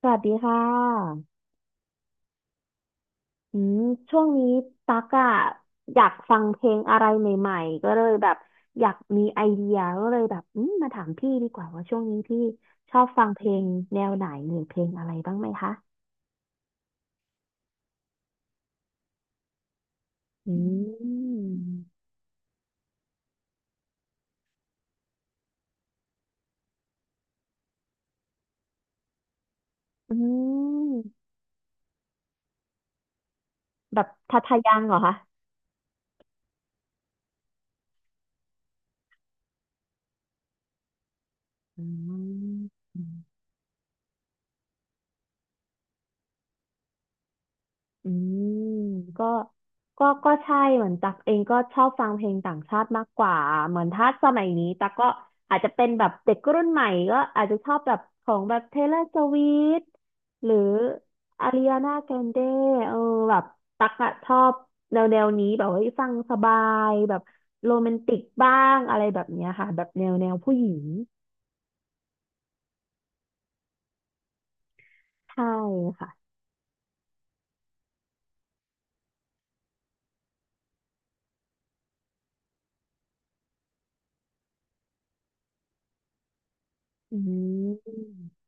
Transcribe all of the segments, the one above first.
สวัสดีค่ะอืมช่วงนี้ตั๊กอะอยากฟังเพลงอะไรใหม่ๆ ก็เลยแบบอยากมีไอเดียก็เลยแบบอืมมาถามพี่ดีกว่าว่าช่วงนี้พี่ชอบฟังเพลงแนวไหนหรือเพลงอะไรบ้างไหมคะ อืมอืมแบบทัทายังเหรอคะอืม อืมก็ก็ใช่เหมือนตักเองก็ชอบฟังเพลงต่างชาติมากกว่า เหมือนถ้าสมัยนี้ตักก็อาจจะเป็นแบบเด็กรุ่นใหม่ก็อาจจะชอบแบบของแบบ Taylor Swift หรือ Ariana Grande เออแบบตักอะชอบแนวนี้แบบว่าฟังสบายแบบโรแมนติกบ้างอะไรแบบเนี้ยค่ะแบบแนวผู้หญิงใช่ค่ะอืม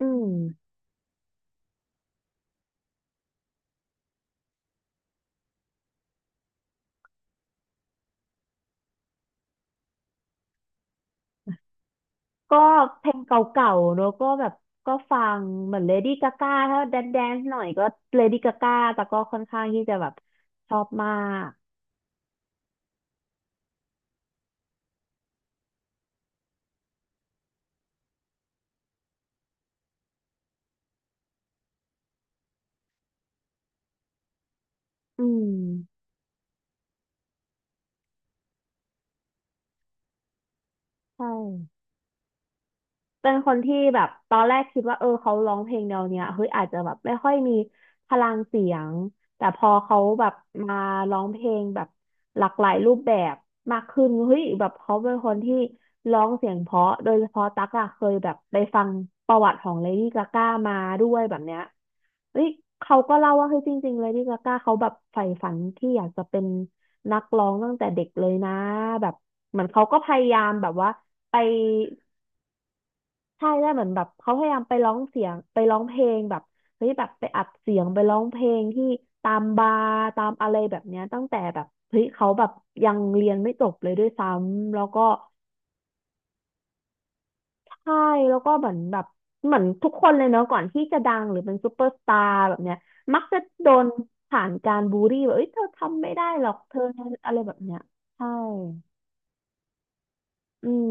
อืม ก็เพลงเก่าๆแล้วก็แบบก็ฟังเหมือนเลดี้กาก้าถ้าแดนแดนหน่อยก็เลดี้กาก้าแต่ก็ค่อนข้างที่จะแบบชอบมากอืมใช่ เป็นคนที่แบบตอนแรกคิดว่าเออเขาร้องเพลงแนวเนี้ยเฮ้ยอาจจะแบบไม่ค่อยมีพลังเสียงแต่พอเขาแบบมาร้องเพลงแบบหลากหลายรูปแบบมากขึ้นเฮ้ยแบบเขาเป็นคนที่ร้องเสียงเพราะโดยเฉพาะตั๊กอะเคยแบบไปฟังประวัติของเลดี้กาก้ามาด้วยแบบเนี้ยเฮ้ยเขาก็เล่าว่าเฮ้ยจริงๆเลดี้กาก้าเขาแบบใฝ่ฝันที่อยากจะเป็นนักร้องตั้งแต่เด็กเลยนะแบบเหมือนเขาก็พยายามแบบว่าไป ใช่ได้วเหมือนแบบเขาพยายามไปร้องเสียงไปร้องเพลงแบบเฮ้ยแบบไปอัดเสียงไปร้องเพลงที่ตามบาร์ตามอะไรแบบเนี้ยตั้งแต่แบบเฮ้ยเขาแบบยังเรียนไม่จบเลยด้วยซ้ำแล้วก็ใช่แล้วก็เหมือนแบบเหมือนทุกคนเลยเนาะก่อนที่จะดังหรือเป็นซูเปอร์สตาร์แบบเนี้ยมักจะโดนผ่านการบูลลี่แบบเอ้ยเธอทำไม่ได้หรอกเธออะไรแบบเนี้ยใช่ อืม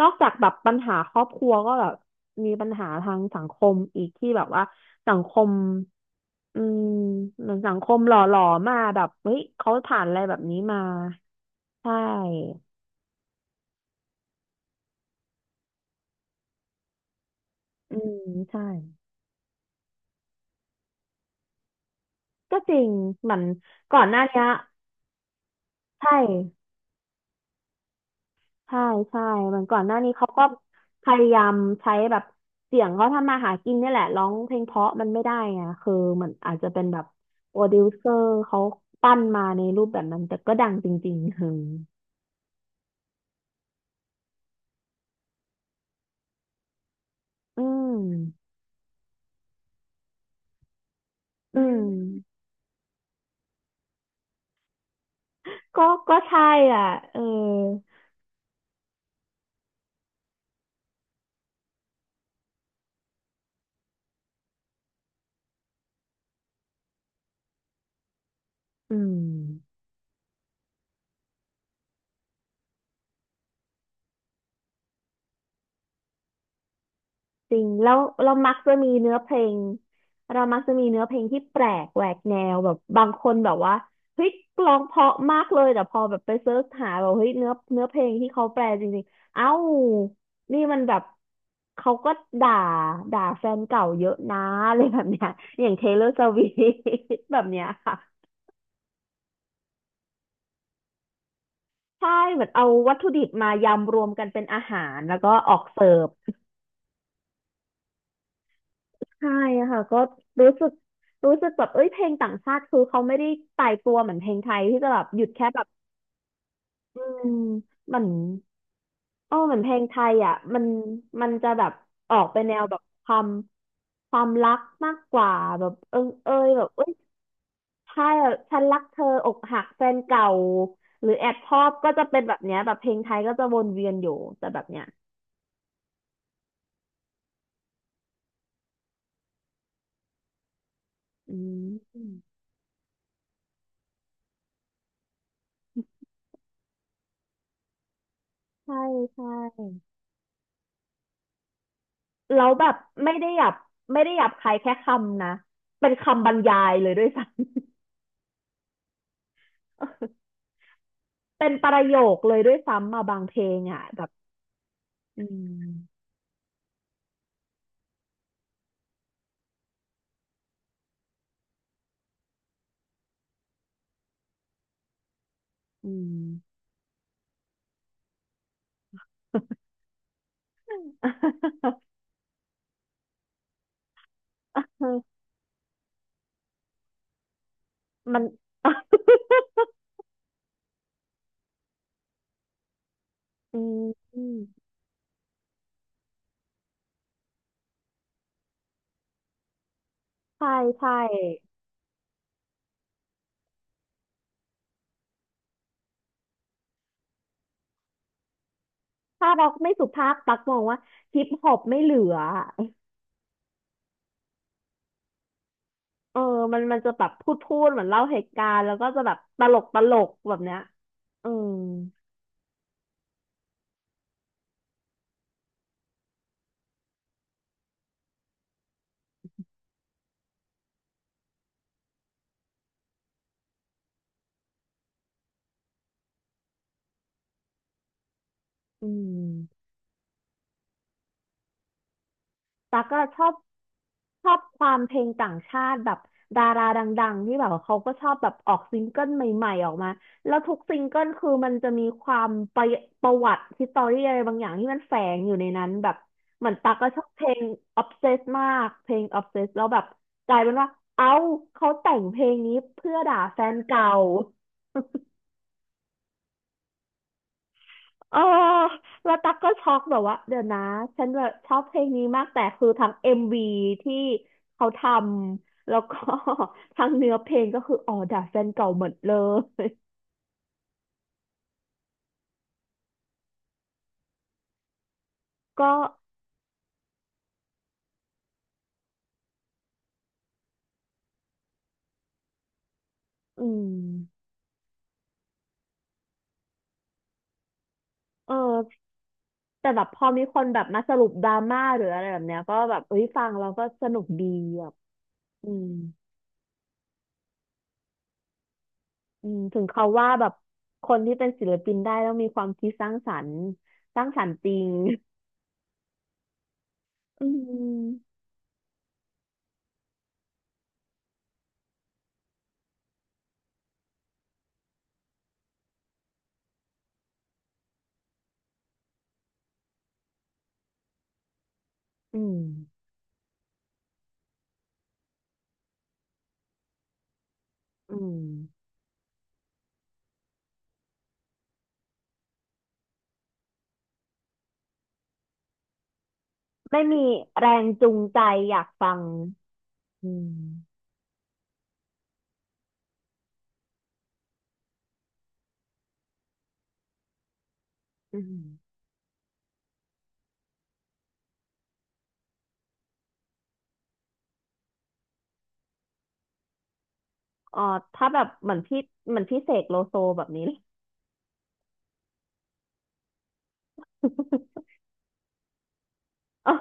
นอกจากแบบปัญหาครอบครัวก็แบบมีปัญหาทางสังคมอีกที่แบบว่าสังคมอืมเหมือนสังคมหล่อหลอมาแบบเฮ้ยเขาผ่านอะไรแบบนี้มาใช่อืมใช่ก็จริงเหมือนก่อนหน้าเนี้ยใช่ ใช่ใช่เหมือนก่อนหน้านี้เขาก็พยายามใช้แบบเสียงเขาทำมาหากินเนี่ยแหละร้องเพลงเพราะมันไม่ได้ไงคือเหมือนอาจจะเป็นแบบโปรดิวเซอร์เขาปั้นมาในรูปแบบนั้นแต่ก็ดังจริงๆคืออืมอืมก็ก็ใช่อ่ะเอออืม จริงแล้วเรามักจะมีเนื้อเพลงเรามักจะมีเนื้อเพลงที่แปลกแหวกแนวแบบบางคนแบบว่าเฮ้ยร้องเพราะมากเลยแต่พอแบบไปเซิร์ชหาแบบเฮ้ยเนื้อเพลงที่เขาแปลจริงๆเอ้านี่มันแบบเขาก็ด่าด่าแฟนเก่าเยอะนะ อะไรแบบเนี้ยอย่างเทเลอร์สวิฟแบบเนี้ยค่ะใช่เหมือนเอาวัตถุดิบมายำรวมกันเป็นอาหารแล้วก็ออกเสิร์ฟ ใช่ค่ะก็รู้สึกรู้สึกแบบเอ้ยเพลงต่างชาติคือเขาไม่ได้ตายตัวเหมือนเพลงไทยที่จะแบบหยุดแค่แบบอืมเหมือนเออเหมือนเพลงไทยอ่ะมันมันจะแบบออกไปแนวแบบความความรักมากกว่าแบบเอิงเอยแบบเอ้ยใช่อะฉันรักเธออกหักแฟนเก่าหรือแอบชอบก็จะเป็นแบบเนี้ยแบบเพลงไทยก็จะวนเวียนอยู่แต่แบบเนี้ยอืมใช่ใช่ แล้วแบบไม่ได้หยาบไม่ได้หยาบคายแค่คำนะเป็นคำบรรยายเลยด้วยซ้ำ เป็นประโยคเลยด้วยซ้ำมาบางเพลงอ่ะแบบอืมอืม มัน อืมใช่ใช่ถ้าร็อกไม่สุภาพตักมองว่าฮิปฮอปไม่เหลือเออมันมันจะแบบพูดเหมือนเล่าเหตุการณ์แล้วก็จะแบบตลกตลกแบบเนี้ยอืมอืม ตั๊กก็ชอบชอบความเพลงต่างชาติแบบดาราดังๆที่แบบว่าเขาก็ชอบแบบออกซิงเกิลใหม่ๆออกมาแล้วทุกซิงเกิลคือมันจะมีความประประวัติฮิสตอรี่อะไรบางอย่างที่มันแฝงอยู่ในนั้นแบบเหมือนตั๊กก็ชอบเพลง Obsess มากเพลง Obsess แล้วแบบกลายเป็นว่าเอ้าเขาแต่งเพลงนี้เพื่อด่าแฟนเก่า เออแล้วตักก็ช็อกแบบว่าเดี๋ยวนะฉันแบบชอบเพลงนี้มากแต่คือทั้งเอ็มวีที่เขาทำแล้วก็ ทั้งเนื้อเพลงก็คืออ๋อด่าแฟนเก่าหมดเลยก็อืมเออแต่แบบพอมีคนแบบมาสรุปดราม่าหรืออะไรแบบเนี้ยก็แบบเอ้ยฟังเราก็สนุกดีแบบอืมอืมถึงเขาว่าแบบคนที่เป็นศิลปินได้ต้องมีความคิดสร้างสรรค์สร้างสรรค์จริง อืมอืมอืม ไม่มีแรงจูงใจอยากฟังอืมอืมอ๋อถ้าแบบเหมือนพี่เหมือนพี่เสกโลโซแบบนี้ เลยอ๋อ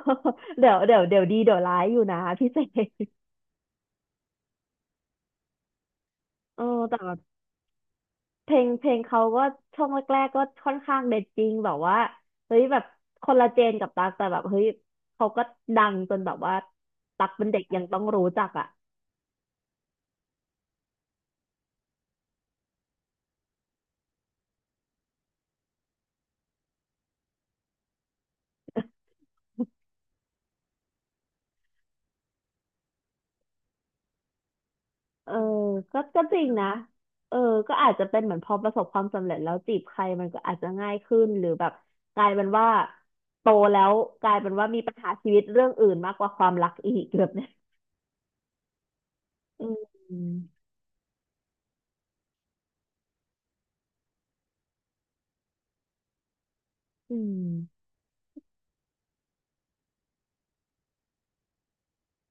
เดี๋ยวดีเดี๋ยวร้ายอยู่นะพี่เสกเออแต่แบบเพลงเขาก็ช่วงแรกๆก็ค่อนข้างเด็ดจริงแบบว่าเฮ้ยแบบคนละเจนกับตั๊กแต่แบบเฮ้ยเขาก็ดังจนแบบว่าตั๊กเป็นเด็กยังต้องรู้จักอ่ะ เออก็จริงนะเออก็อาจจะเป็นเหมือนพอประสบความสำเร็จแล้วจีบใครมันก็อาจจะง่ายขึ้นหรือแบบกลายเป็นว่าโตแล้วกลายเป็นว่ามีปัญหาชีวิตเรื่องอื่นมากกว่าความรักอีกแบบเนี้ย อืมอืม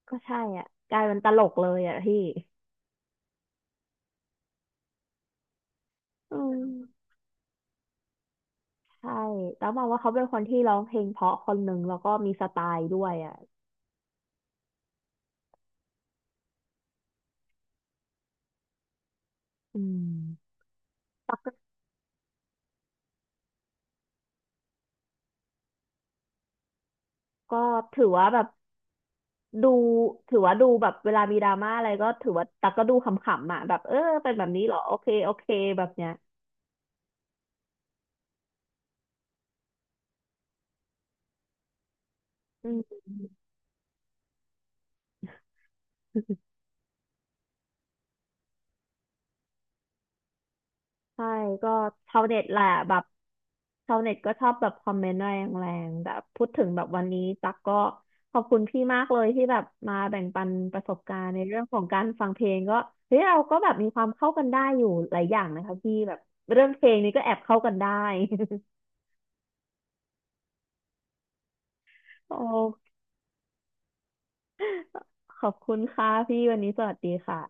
ก็ใช่อ่ะกลายเป็นตลกเลยอ่ะพี่อืมใช่แล้วมองว่าเขาเป็นคนที่ร้องเพลงเพราะคนหนึ่งแล้วก็มีสไตล์ด้วยอ่ะอืมก็ถือว่าแบบ ดูถือว่าดูแบบเวลามีดราม่าอะไรก็ถือว่าตักก็ดูขำๆอ่ะแบบเออเป็นแบบนี้เหรอโอเคโอเคแบบเนี้ยอืมใช่ก็ชาวเน็ตแหละแบบชาวเน็ตก็ชอบแบบคอมเมนต์แรงๆแบบพูดถึงแบบวันนี้ตักก็ขอบคุณพี่มากเลยที่แบบมาแบ่งปันประสบการณ์ในเรื่องของการฟังเพลงก็เฮ้ยเราก็แบบมีความเข้ากันได้อยู่หลายอย่างนะคะพี่แบบเรื่องเพลงนี้ก็แอบเข้ากันได้ โอ้ขอบคุณค่ะพี่วันนี้สวัสดีค่ะ